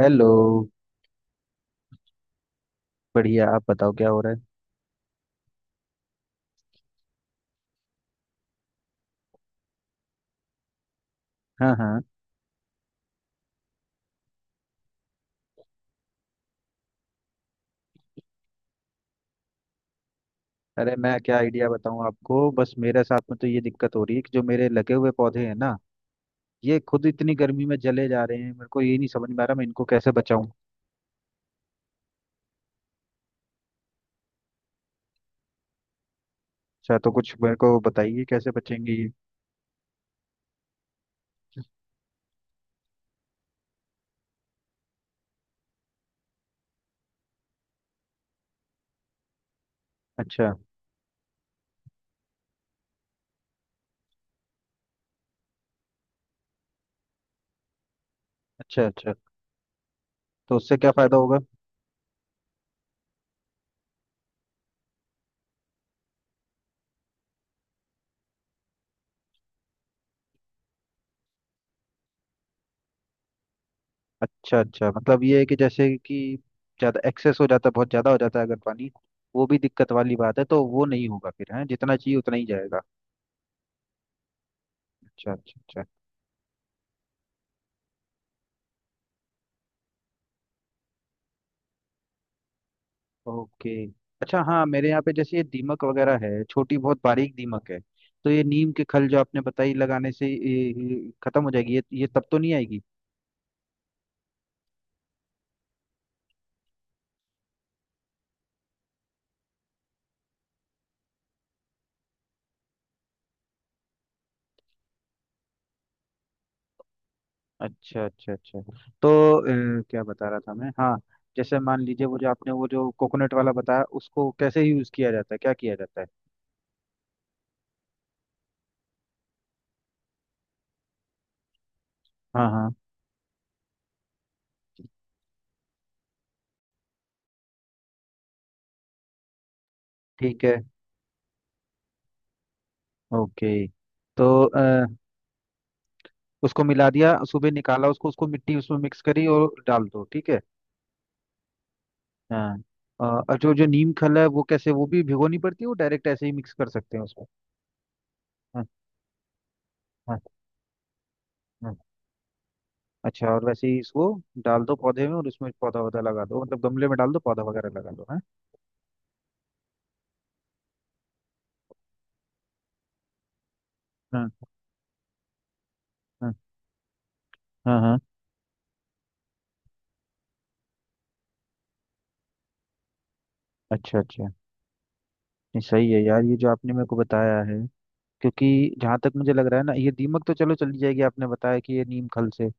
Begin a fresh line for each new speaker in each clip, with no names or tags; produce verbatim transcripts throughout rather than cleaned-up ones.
Hello. बढ़िया, आप बताओ क्या हो रहा है? हाँ, हाँ। अरे मैं क्या आइडिया बताऊं आपको, बस मेरे साथ में तो ये दिक्कत हो रही है कि जो मेरे लगे हुए पौधे हैं ना, ये खुद इतनी गर्मी में जले जा रहे हैं। मेरे को ये नहीं समझ में आ रहा मैं इनको कैसे बचाऊं। अच्छा, तो कुछ मेरे को बताइए कैसे बचेंगे ये। अच्छा। अच्छा, अच्छा। तो उससे क्या फायदा होगा? अच्छा अच्छा, मतलब ये है कि जैसे कि ज्यादा एक्सेस हो जाता है, बहुत ज्यादा हो जाता है अगर पानी, वो भी दिक्कत वाली बात है। तो वो नहीं होगा फिर, है जितना चाहिए उतना ही जाएगा। अच्छा, अच्छा, अच्छा। ओके। अच्छा, हाँ मेरे यहाँ पे जैसे ये दीमक वगैरह है, छोटी बहुत बारीक दीमक है। तो ये नीम के खल जो आपने बताई, लगाने से ये- ये खत्म हो जाएगी? ये ये तब तो नहीं आएगी? अच्छा, अच्छा, अच्छा। तो अ, क्या बता रहा था मैं, हाँ। जैसे मान लीजिए वो जो आपने वो जो कोकोनट वाला बताया, उसको कैसे यूज किया जाता है, क्या किया जाता है? हाँ, हाँ। ठीक है। ओके। तो अ, उसको मिला दिया, सुबह निकाला उसको उसको मिट्टी उसमें मिक्स करी और डाल दो, ठीक है। हाँ। अ, और जो जो नीम खल है वो कैसे, वो भी भिगोनी पड़ती है वो डायरेक्ट ऐसे ही मिक्स कर सकते हैं उसमें? हाँ। हाँ। हाँ। अच्छा, और वैसे ही इसको डाल दो पौधे में और उसमें पौधा वौधा लगा दो, मतलब गमले में डाल दो पौधा वगैरह लगा दो, हाँ। हाँ। हाँ। हाँ। हाँ। अच्छा, अच्छा। नहीं, सही है यार ये जो आपने मेरे को बताया है। क्योंकि जहाँ तक मुझे लग रहा है ना, ये दीमक तो चलो चली जाएगी, आपने बताया कि ये नीम खल से।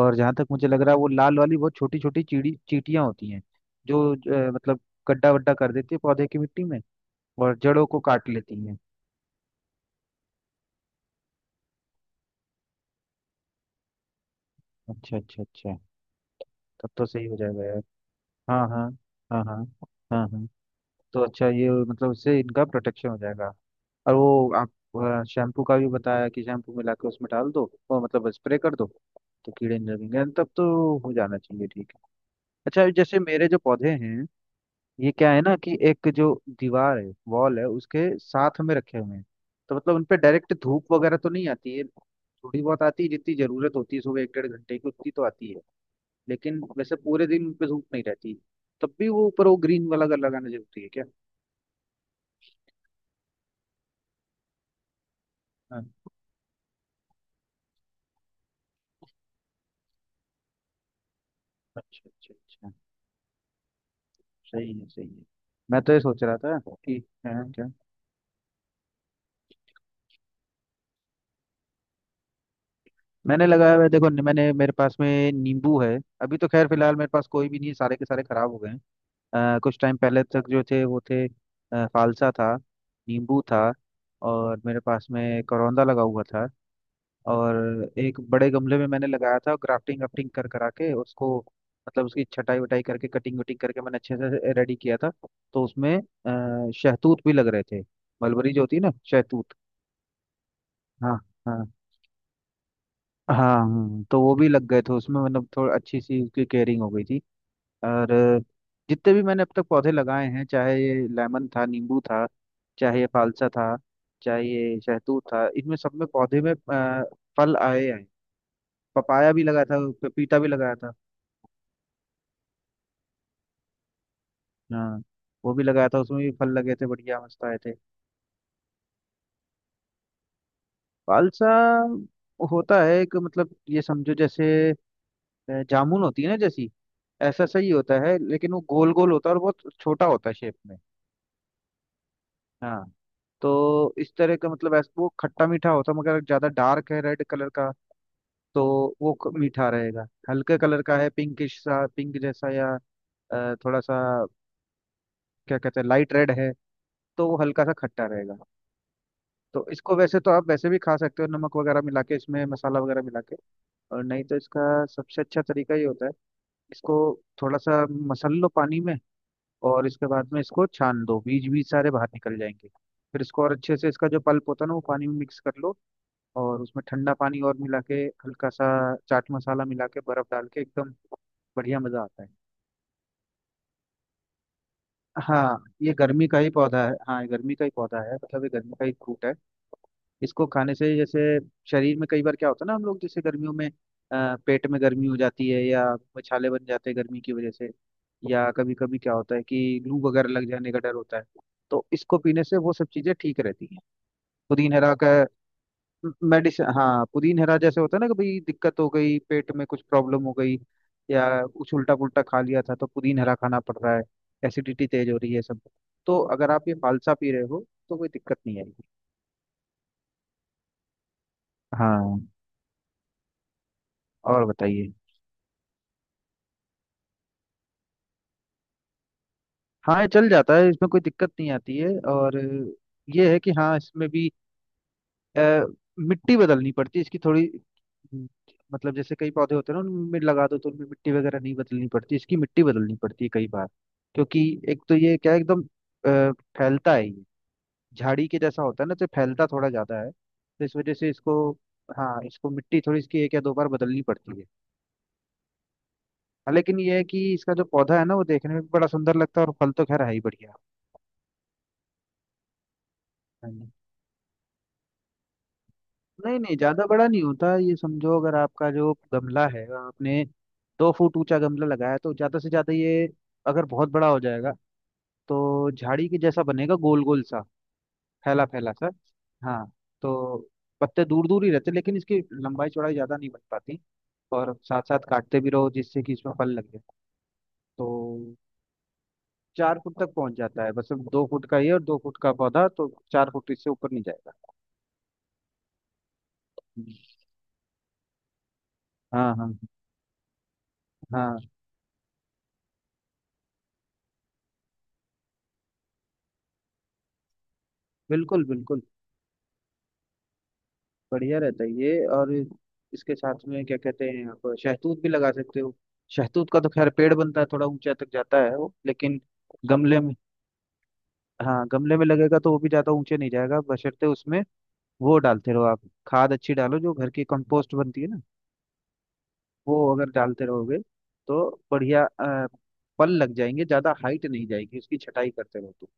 और जहाँ तक मुझे लग रहा है, वो लाल वाली बहुत छोटी छोटी चीड़ी चींटियाँ होती हैं जो अ, मतलब गड्ढा वड्ढा कर देती है पौधे की मिट्टी में और जड़ों को काट लेती हैं। अच्छा, अच्छा, अच्छा। तब तो सही हो जाएगा यार। हाँ, हाँ। हाँ, हाँ। हाँ, हाँ। तो अच्छा, ये मतलब उससे इनका प्रोटेक्शन हो जाएगा। और वो आप शैम्पू का भी बताया कि शैम्पू मिला के उसमें डाल दो, वो मतलब स्प्रे कर दो, तो कीड़े नहीं लगेंगे। तब तो हो जाना चाहिए, ठीक है। अच्छा, जैसे मेरे जो पौधे हैं, ये क्या है ना कि एक जो दीवार है, वॉल है, उसके साथ में रखे हुए हैं। तो मतलब उन पे डायरेक्ट धूप वगैरह तो नहीं आती है, थोड़ी बहुत आती है, जितनी जरूरत होती है, सुबह एक डेढ़ घंटे की उतनी तो आती है। लेकिन वैसे पूरे दिन उन पे धूप नहीं रहती। तब भी वो ऊपर वो ग्रीन वाला कलर लगाना जरूरी है क्या? हाँ। अच्छा, अच्छा, अच्छा। सही है, सही है। मैं तो ये सोच रहा था कि, हाँ क्या? मैंने लगाया हुआ है, देखो मैंने, मेरे पास में नींबू है। अभी तो खैर फिलहाल मेरे पास कोई भी नहीं है, सारे के सारे खराब हो गए हैं। अ, कुछ टाइम पहले तक जो थे, वो थे अ, फालसा था, नींबू था, और मेरे पास में करौंदा लगा हुआ था। और एक बड़े गमले में मैंने लगाया था, ग्राफ्टिंग वाफ्टिंग कर करा के उसको, मतलब उसकी छटाई वटाई करके, कटिंग वटिंग करके मैंने अच्छे से रेडी किया था। तो उसमें अ, शहतूत भी लग रहे थे। मलबरी जो होती है ना, शहतूत। हाँ। हाँ। हाँ। हाँ, तो वो भी लग गए थे उसमें, मतलब थोड़ा अच्छी सी उसकी केयरिंग हो गई थी। और अ, जितने भी मैंने अब तक पौधे लगाए हैं, चाहे ये लेमन था, नींबू था, चाहे ये फालसा था, चाहे ये शहतूत था, इनमें सब में पौधे में अ, फल आए हैं। पपाया भी लगाया था, पपीता भी लगाया था। हाँ, वो भी लगाया था, उसमें भी फल लगे थे, बढ़िया मस्त आए थे। पालसा होता है एक, मतलब ये समझो जैसे अ, जामुन होती है ना, जैसी ऐसा सही होता है, लेकिन वो गोल गोल होता है और बहुत छोटा होता है शेप में। हाँ, तो इस तरह का, मतलब ऐसा वो खट्टा मीठा होता है, मगर ज्यादा डार्क है रेड कलर का तो वो क- मीठा रहेगा। हल्के कलर का है, पिंकिश सा, पिंक जैसा या अ, थोड़ा सा क्या कहते हैं, लाइट रेड है, तो वो हल्का सा खट्टा रहेगा। तो इसको वैसे तो आप वैसे भी खा सकते हो, नमक वगैरह मिला के इसमें, मसाला वगैरह मिला के, और नहीं तो इसका सबसे अच्छा तरीका ये होता है, इसको थोड़ा सा मसल लो पानी में, और इसके बाद में इसको छान दो, बीज बीज सारे बाहर निकल जाएंगे। फिर इसको और अच्छे से, इसका जो पल्प होता है ना, वो पानी में मिक्स कर लो, और उसमें ठंडा पानी और मिला के, हल्का सा चाट मसाला मिला के, बर्फ डाल के, एकदम बढ़िया मजा आता है। हाँ, ये गर्मी का ही पौधा है, हाँ ये गर्मी का ही पौधा है, मतलब ये गर्मी का ही फ्रूट है। इसको खाने से जैसे शरीर में, कई बार क्या होता है ना हम लोग जैसे गर्मियों में अ, पेट में गर्मी हो जाती है, या छाले बन जाते हैं गर्मी की वजह से, या कभी कभी क्या होता है कि लू वगैरह लग जाने का डर होता है, तो इसको पीने से वो सब चीजें ठीक रहती हैं। पुदीन हरा का मेडिसिन, हाँ पुदीन हरा जैसे होता है ना कि भाई दिक्कत हो गई, पेट में कुछ प्रॉब्लम हो गई, या कुछ उल्टा पुल्टा खा लिया था, तो पुदीन हरा खाना पड़ रहा है, एसिडिटी तेज हो रही है, सब। तो अगर आप ये फालसा पी रहे हो तो कोई दिक्कत नहीं आएगी। हाँ। और बताइए। हाँ, ये चल जाता है, इसमें कोई दिक्कत नहीं आती है। और ये है कि हाँ, इसमें भी अ, मिट्टी बदलनी पड़ती है इसकी थोड़ी, हम्म, मतलब जैसे कई पौधे होते हैं ना, उनमें लगा दो तो उनमें मिट्टी वगैरह नहीं बदलनी पड़ती, इसकी मिट्टी बदलनी पड़ती है कई बार, क्योंकि एक तो ये क्या है, एकदम अ, फैलता है ये, झाड़ी के जैसा होता है ना, तो फैलता थोड़ा ज्यादा है, तो इस वजह से इसको, हाँ इसको मिट्टी थोड़ी, इसकी एक या दो बार बदलनी पड़ती है। हाँ, लेकिन ये है कि इसका जो पौधा है ना, वो देखने में भी बड़ा सुंदर लगता है, और फल तो खैर है ही बढ़िया। नहीं नहीं, ज्यादा बड़ा नहीं होता, ये समझो अगर आपका जो गमला है, आपने दो फुट ऊंचा गमला लगाया है, तो ज्यादा से ज्यादा ये, अगर बहुत बड़ा हो जाएगा तो झाड़ी के जैसा बनेगा, गोल गोल सा, फैला फैला सा। हाँ, तो पत्ते दूर दूर ही रहते, लेकिन इसकी लंबाई चौड़ाई ज्यादा नहीं बन पाती, और साथ साथ काटते भी रहो जिससे कि इसमें फल लगे। तो चार फुट तक पहुंच जाता है बस, अब दो फुट का ये और दो फुट का पौधा, तो चार फुट, इससे ऊपर नहीं जाएगा। हाँ, हाँ, हाँ। बिल्कुल, बिल्कुल। बढ़िया रहता है ये। और इसके साथ में क्या कहते हैं, आप शहतूत भी लगा सकते हो। शहतूत का तो खैर पेड़ बनता है, थोड़ा ऊंचा तक जाता है वो लेकिन, गमले में, हाँ गमले में लगेगा तो वो भी ज्यादा ऊंचे नहीं जाएगा बशर्ते उसमें वो डालते रहो आप, खाद अच्छी डालो, जो घर की कंपोस्ट बनती है ना, वो अगर डालते रहोगे तो बढ़िया अ, फल लग जाएंगे, ज्यादा हाइट नहीं जाएगी, उसकी छटाई करते रहो तो।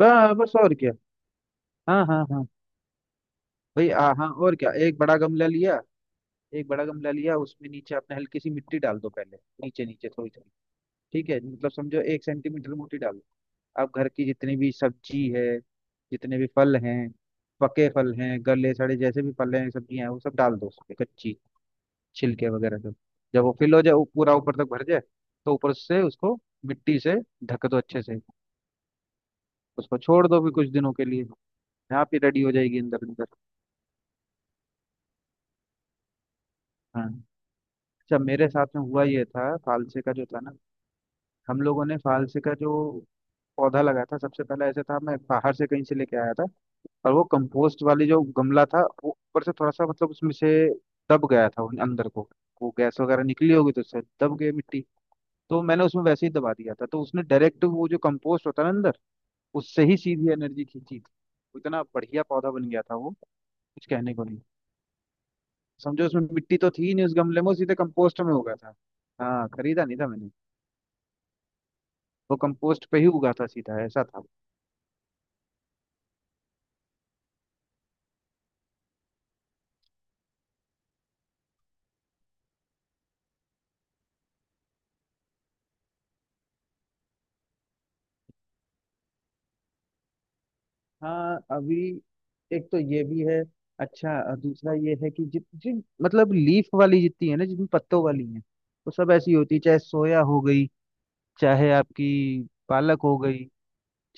ब- बस और क्या। हाँ, हाँ, हाँ। भाई हाँ हाँ, और क्या, एक बड़ा गमला लिया, एक बड़ा गमला लिया, उसमें नीचे आपने हल्की सी मिट्टी डाल दो पहले, नीचे नीचे थोड़ी थोड़ी, ठीक है, मतलब समझो एक सेंटीमीटर मोटी डालो। आप घर की जितनी भी सब्जी है, जितने भी फल हैं, पके फल हैं, गले सड़े, जैसे भी फल हैं, सब्जियां हैं, वो सब डाल दो उसमें, कच्ची छिलके वगैरह सब। जब वो फिल हो जाए, वो पूरा ऊपर तक भर जाए, तो ऊपर से उसको मिट्टी से ढक दो अच्छे से। उसको छोड़ दो भी कुछ दिनों के लिए। आप ही रेडी हो जाएगी अंदर अंदर। हाँ। अच्छा, मेरे साथ में हुआ ये था, फालसे का जो था ना, हम लोगों ने फालसे का जो पौधा लगाया था सबसे पहले, ऐसे था, मैं बाहर से कहीं से लेके आया था। और वो कंपोस्ट वाली जो गमला था, वो ऊपर से थोड़ा सा मतलब उसमें से दब गया था उन- अंदर को, वो गैस वगैरह निकली होगी तो उससे दब गई मिट्टी। तो मैंने उसमें वैसे ही दबा दिया था, तो उसने डायरेक्ट वो जो कंपोस्ट होता है ना अंदर, उससे ही सीधी एनर्जी खींची थी, इतना बढ़िया पौधा बन गया था वो, कुछ कहने को नहीं। समझो उसमें मिट्टी तो थी ही नहीं उस गमले में, वो सीधे कंपोस्ट में उगा था। हाँ, खरीदा नहीं था मैंने, वो कंपोस्ट पे ही उगा था सीधा, ऐसा था। हाँ, अभी एक तो ये भी है। अच्छा, अ, दूसरा ये है कि जित जिन, मतलब लीफ वाली जितनी है ना, जितनी पत्तों वाली है, वो सब ऐसी होती है चाहे सोया हो गई, चाहे आपकी पालक हो गई,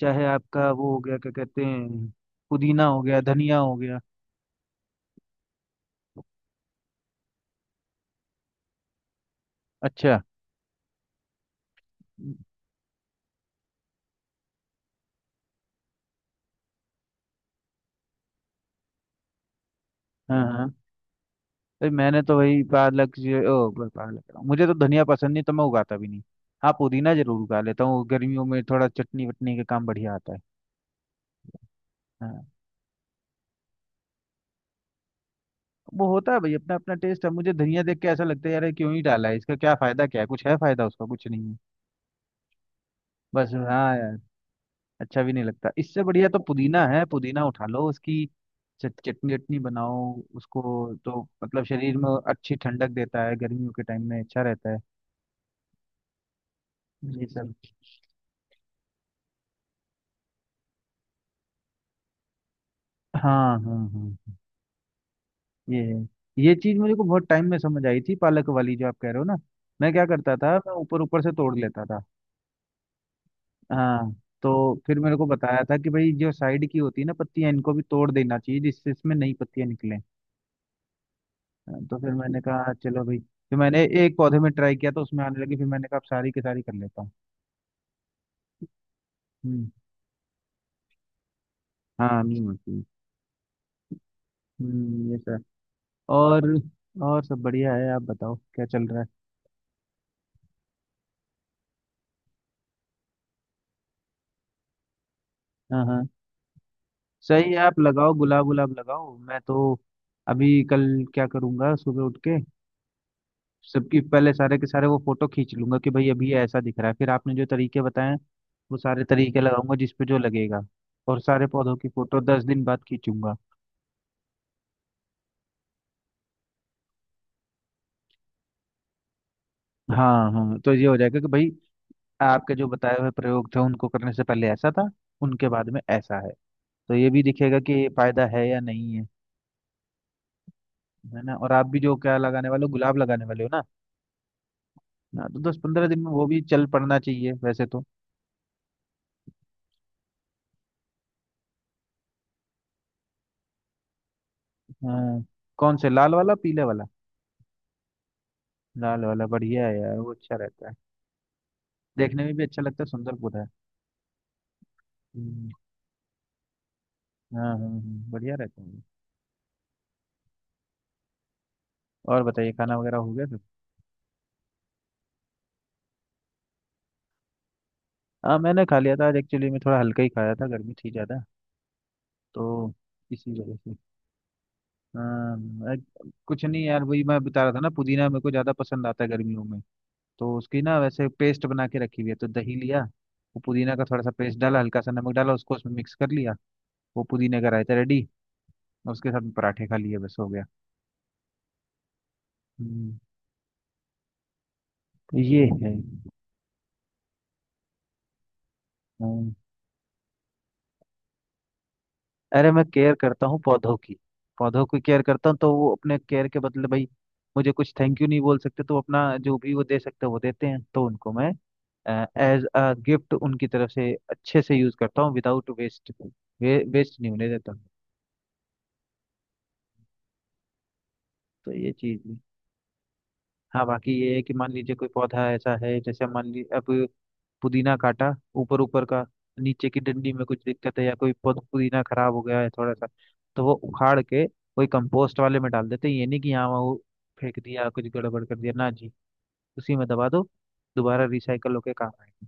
चाहे आपका वो हो गया, क्या कहते हैं, पुदीना हो गया, धनिया हो गया। अच्छा। हाँ हाँ, भाई मैंने तो वही पालक जो ओ ब- पालक कह रहा हूँ। मुझे तो धनिया पसंद नहीं तो मैं उगाता भी नहीं। हाँ, पुदीना जरूर उगा लेता हूँ गर्मियों में, थोड़ा चटनी वटनी का काम बढ़िया आता है। हाँ। वो होता है भाई, अपना अपना टेस्ट है। मुझे धनिया देख के ऐसा लगता है, यार ये क्यों ही डाला है, इसका क्या फायदा, क्या है, कुछ है फायदा उसका? कुछ नहीं है। बस हाँ यार, अच्छा भी नहीं लगता। इससे बढ़िया तो पुदीना है, पुदीना उठा लो, उसकी चट- चटनी चटनी बनाओ उसको। तो मतलब शरीर में अच्छी ठंडक देता है, गर्मियों के टाइम में अच्छा रहता है। ये सब। हाँ हाँ हाँ, ये है। ये चीज मुझे को बहुत टाइम में समझ आई थी, पालक वाली जो आप कह रहे हो ना। मैं क्या करता था, मैं ऊपर ऊपर से तोड़ लेता था। हाँ, तो फिर मेरे को बताया था कि भाई जो साइड की होती है ना पत्तियां, इनको भी तोड़ देना चाहिए, जिससे इसमें नई पत्तियां निकलें। हाँ, तो फिर मैंने कहा चलो भाई, फिर मैंने एक पौधे में ट्राई किया तो उसमें आने लगी। फिर मैंने कहा अब सारी की सारी कर लेता हूँ। हम्म। हाँ नीम होती है। हम्म ये सर। और और सब बढ़िया है। आप बताओ क्या चल रहा है। हाँ हाँ, सही है, आप लगाओ गुलाब, गुलाब लगाओ। मैं तो अभी कल क्या करूँगा, सुबह उठ के सबकी, पहले सारे के सारे वो फोटो खींच लूंगा कि भाई अभी ये ऐसा दिख रहा है। फिर आपने जो तरीके बताए, वो सारे तरीके लगाऊंगा, जिस पे जो लगेगा। और सारे पौधों की फोटो दस दिन बाद खींचूंगा। हाँ हाँ, तो ये हो जाएगा कि भाई आपके जो बताए हुए प्रयोग थे, उनको करने से पहले ऐसा था, उनके बाद में ऐसा है। तो ये भी दिखेगा कि ये फायदा है या नहीं है। है ना। और आप भी जो क्या लगाने वाले हो, गुलाब लगाने वाले हो ना। हाँ, तो दस पंद्रह दिन में वो भी चल पड़ना चाहिए वैसे तो। हाँ, कौन से, लाल वाला पीले वाला? लाल वाला बढ़िया है यार, वो अच्छा रहता है, देखने में भी अच्छा लगता है, सुंदर पौधा है। हम्म। हाँ हाँ हाँ, बढ़िया रहता है ये। और बताइए, खाना वगैरह हो गया सब? हाँ मैंने खा लिया था आज। एक्चुअली मैं थोड़ा हल्का ही खाया था, गर्मी थी ज़्यादा, तो इसी वजह से। हाँ एक- कुछ नहीं यार, वही मैं बता रहा था ना, पुदीना मेरे को ज़्यादा पसंद आता है गर्मियों में। तो उसकी ना वैसे पेस्ट बना के रखी हुई है, तो दही लिया, वो पुदीना का थोड़ा सा पेस्ट डाला, हल्का सा नमक डाला, उसको उसमें मिक्स कर लिया। वो पुदीने का रायता रेडी। उसके साथ में पराठे खा लिए, बस हो गया। हम्म। तो ये है। हाँ, अरे मैं केयर करता हूँ पौधों की। पौधों की केयर करता हूँ, तो वो अपने केयर के बदले भाई, मुझे कुछ थैंक यू नहीं बोल सकते, तो अपना जो भी वो दे सकते हैं, वो देते हैं। तो उनको मैं एज अ गिफ्ट उनकी तरफ से अच्छे से यूज करता हूँ, विदाउट वेस्ट। वे, वेस्ट नहीं होने देता। तो ये चीज है। हाँ बाकी ये है कि मान लीजिए कोई पौधा ऐसा है, जैसे मान लीजिए अब पुदीना काटा, ऊपर ऊपर का, नीचे की डंडी में कुछ दिक्कत है या कोई पु- पुदीना खराब हो गया है थोड़ा सा, तो वो उखाड़ के कोई कंपोस्ट वाले में डाल देते हैं। ये नहीं कि यहाँ वो फेंक दिया, कुछ गड़बड़ कर दिया ना जी। उसी में दबा दो, दोबारा रिसाइकल होके काम आएगा।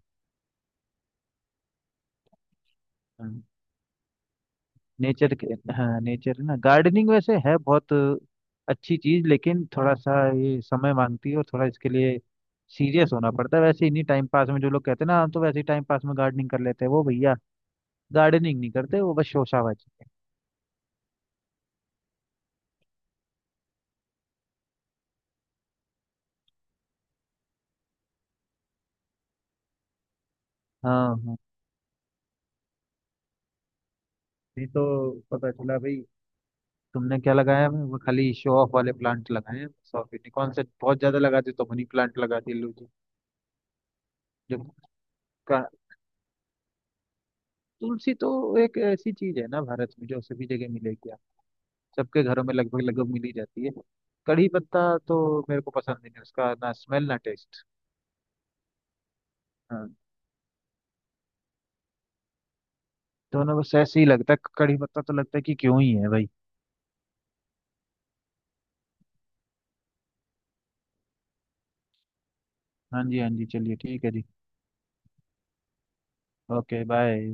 नेचर के। हाँ नेचर है ना। गार्डनिंग वैसे है बहुत अच्छी चीज, लेकिन थोड़ा सा ये समय मांगती है और थोड़ा इसके लिए सीरियस होना पड़ता है। वैसे इन्हीं टाइम पास में जो लोग कहते हैं ना, हम तो वैसे ही टाइम पास में गार्डनिंग कर लेते हैं, वो भैया गार्डनिंग नहीं करते, वो बस शोशाबाजी। हाँ हाँ, नहीं तो पता चला भाई, तुमने क्या लगाया है? वो खाली शो ऑफ वाले प्लांट लगाए हैं सौंफ के। कौन से बहुत ज्यादा लगाती, तो मनी प्लांट लगाती है लोग। जो का, तुलसी तो एक ऐसी चीज है ना भारत में, जो सभी जगह मिलेगी, आप सबके घरों में लगभग लगभग मिल ही जाती है। कड़ी पत्ता तो मेरे को पसंद नहीं है, उसका ना स्मेल ना टेस्ट। हाँ, दोनों बस ऐसे ही लगता है, कड़ी पत्ता तो लगता है कि क्यों ही है भाई। हाँ जी हाँ जी, चलिए ठीक है जी। Okay bye.